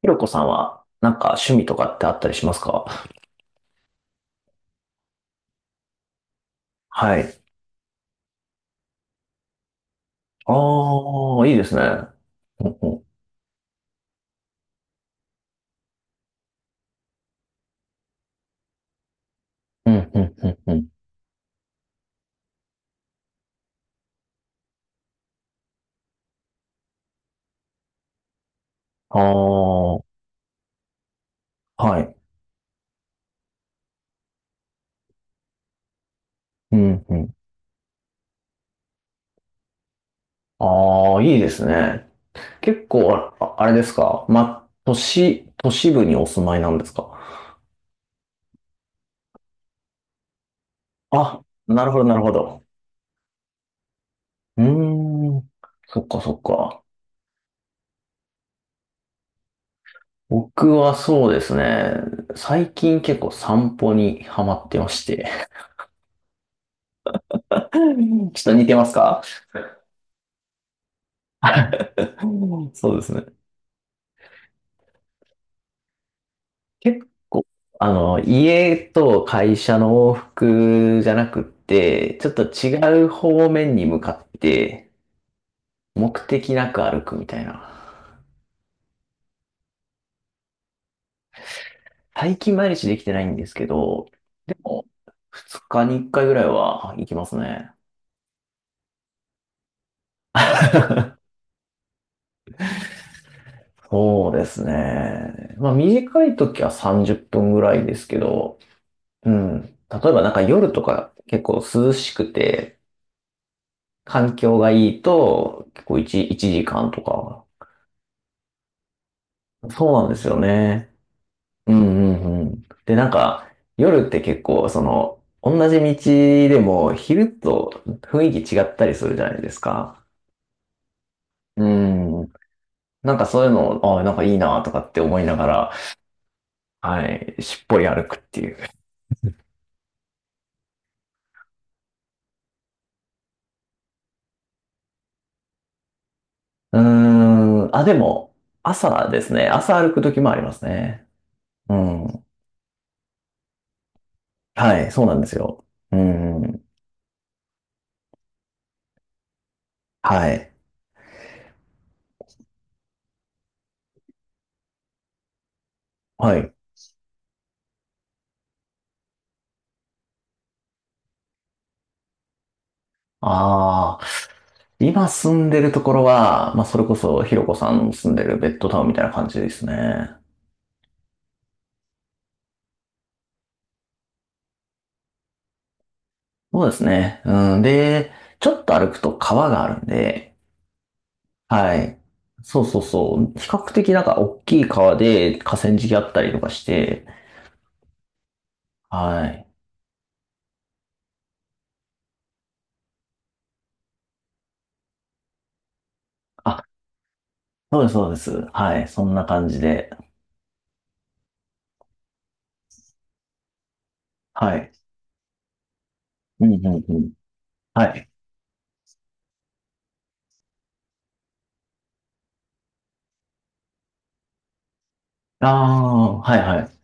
ひろこさんは、なんか趣味とかってあったりしますか？はい。ああ、いいですね。うんうん、うん、うん、うん。ああ、はい。うん、うん。ああ、いいですね。結構、あ、あれですか、都市部にお住まいなんですか？あ、なるほど、なるほど。うーん。そっか、そっか。僕はそうですね。最近結構散歩にハマってまして。ちょっと似てますか？そうですね。結構、家と会社の往復じゃなくって、ちょっと違う方面に向かって、目的なく歩くみたいな。最近毎日できてないんですけど、でも、2日に1回ぐらいは行きますね。そうですね。まあ短い時は30分ぐらいですけど、うん。例えばなんか夜とか結構涼しくて、環境がいいと、結構1時間とか。そうなんですよね。うんうんうん。で、なんか、夜って結構、その、同じ道でも、昼と雰囲気違ったりするじゃないですか。うん。なんかそういうの、なんかいいなとかって思いながら、はい、しっぽり歩くっていう。うーん。あ、でも、朝ですね。朝歩く時もありますね。うん。はい、そうなんですよ。うん。はい。はい。ああ、今住んでるところは、まあ、それこそ、ひろこさんの住んでるベッドタウンみたいな感じですね。そうですね。うん。で、ちょっと歩くと川があるんで、はい。そうそうそう。比較的なんか大きい川で河川敷あったりとかして、はい。あ、そうです、そうです。はい。そんな感じで。はい。うん、うん、うん。はい。ああ、はい、はい。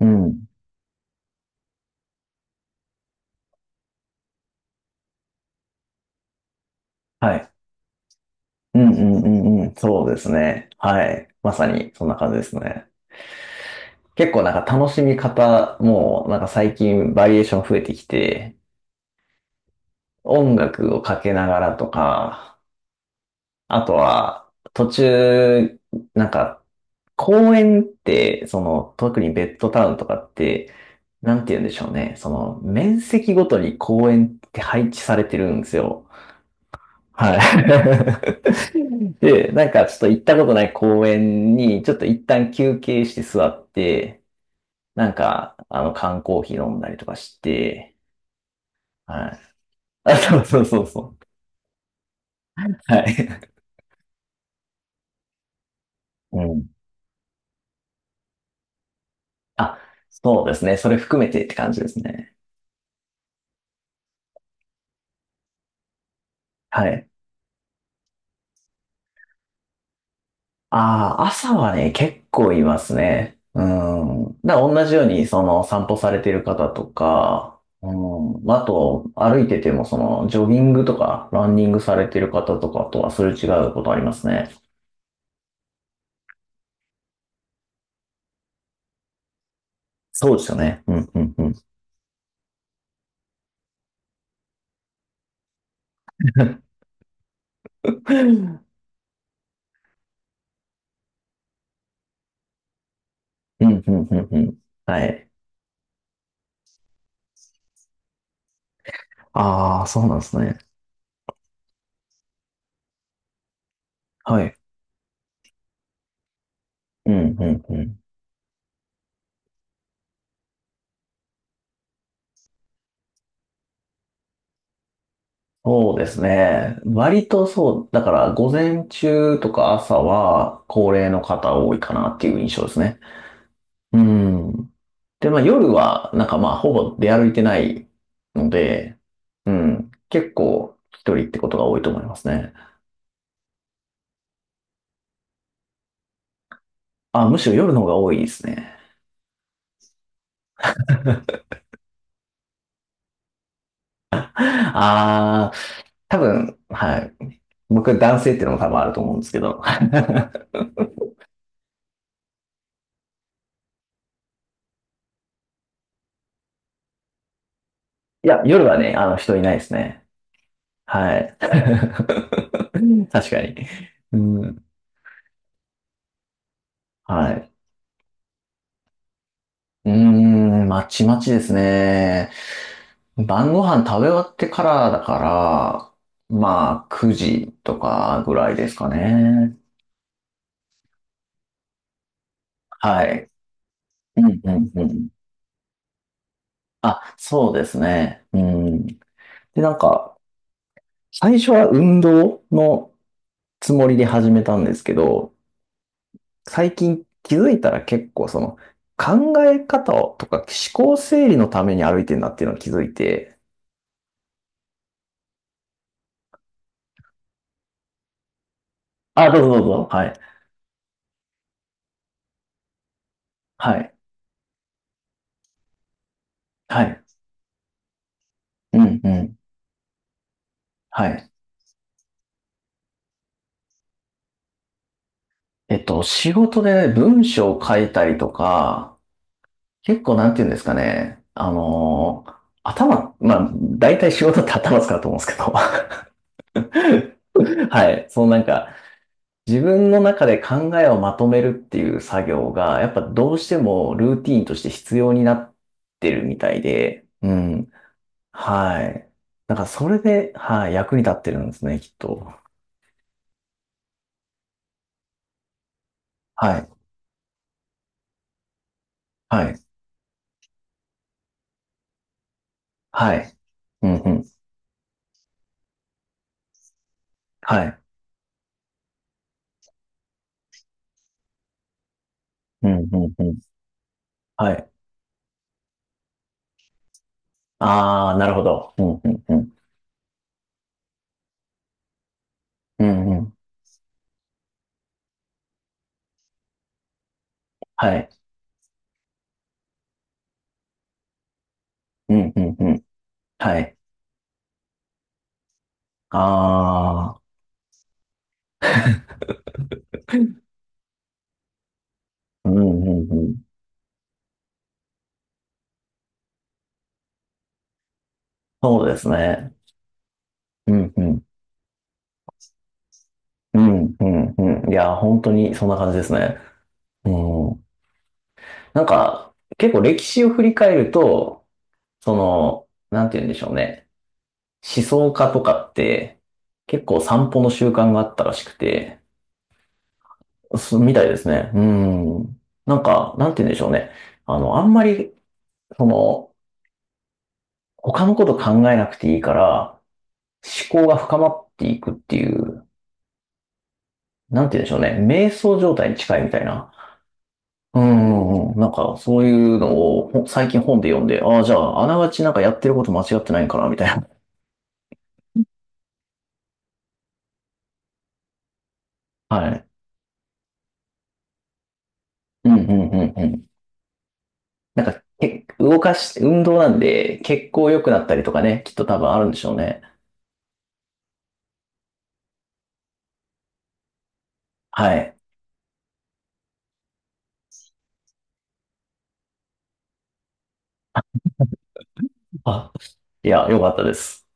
うん。はい。うん、うん、うん、うん。そうですね。はい。まさに、そんな感じですね。結構なんか楽しみ方もなんか最近バリエーション増えてきて、音楽をかけながらとか、あとは途中、なんか公園って、その特にベッドタウンとかって、なんて言うんでしょうね。その面積ごとに公園って配置されてるんですよ。はい。で、なんかちょっと行ったことない公園に、ちょっと一旦休憩して座って、なんか、缶コーヒー飲んだりとかして、はい。あ、そうそうそうそう。はい。うん。あ、そうですね。それ含めてって感じですね。はい。ああ、朝はね、結構いますね。うん。だから同じように、その散歩されてる方とか、うん。まあと、歩いてても、その、ジョギングとか、ランニングされてる方とかとはすれ違うことありますね。そうですよね。うん、うん、うん。うん、うん、うん、うん。はい。ああ、そうなんですね。はい。うん、うん、うん。そうですね。割とそう、だから午前中とか朝は高齢の方多いかなっていう印象ですね。うん。で、まあ夜はなんかまあほぼ出歩いてないので、うん。結構一人ってことが多いと思いますね。あ、むしろ夜の方が多いですね。ああ、多分、はい。僕男性っていうのも多分あると思うんですけど。いや、夜はね、あの人いないですね。はい。確かに。うん。はい。うーん、まちまちですね。晩ご飯食べ終わってからだから、まあ、9時とかぐらいですかね。はい。うん、うん、うん。あ、そうですね。うん。で、なんか、最初は運動のつもりで始めたんですけど、最近気づいたら結構その考え方をとか思考整理のために歩いてるなっていうのを気づいて、あ、どうぞどうぞ。はい。はい。はい。うん、うん。はい。仕事で文章を書いたりとか、結構なんて言うんですかね。頭、まあ、大体仕事って頭使うと思うんですけど。はい。そのなんか、自分の中で考えをまとめるっていう作業が、やっぱどうしてもルーティーンとして必要になってるみたいで、うん。はい。なんかそれで、はい、役に立ってるんですね、きっと。はい。はい。はい。うん、うん。はい。うん、うん、うん。はい。ああ、なるほど。うん、うん、うん。うん、うん。はい。うん、うん、うん。はい。ああ、うん、うん、うん。そうですね。うん、うん。うん、うん、うん。いや、本当にそんな感じですね。うん。なんか、結構歴史を振り返ると、その、なんて言うんでしょうね。思想家とかって、結構散歩の習慣があったらしくて、そうみたいですね。うん。なんか、なんて言うんでしょうね。あんまり、その、他のこと考えなくていいから、思考が深まっていくっていう、なんて言うんでしょうね。瞑想状態に近いみたいな。うんうんうん。なんか、そういうのを最近本で読んで、ああ、じゃあ、あながちなんかやってること間違ってないんかな、みたい。はい。うんうんうんうん。なんか、動かし、運動なんで、血行良くなったりとかね、きっと多分あるんでしょうね。はい。あ、いや、良かったです。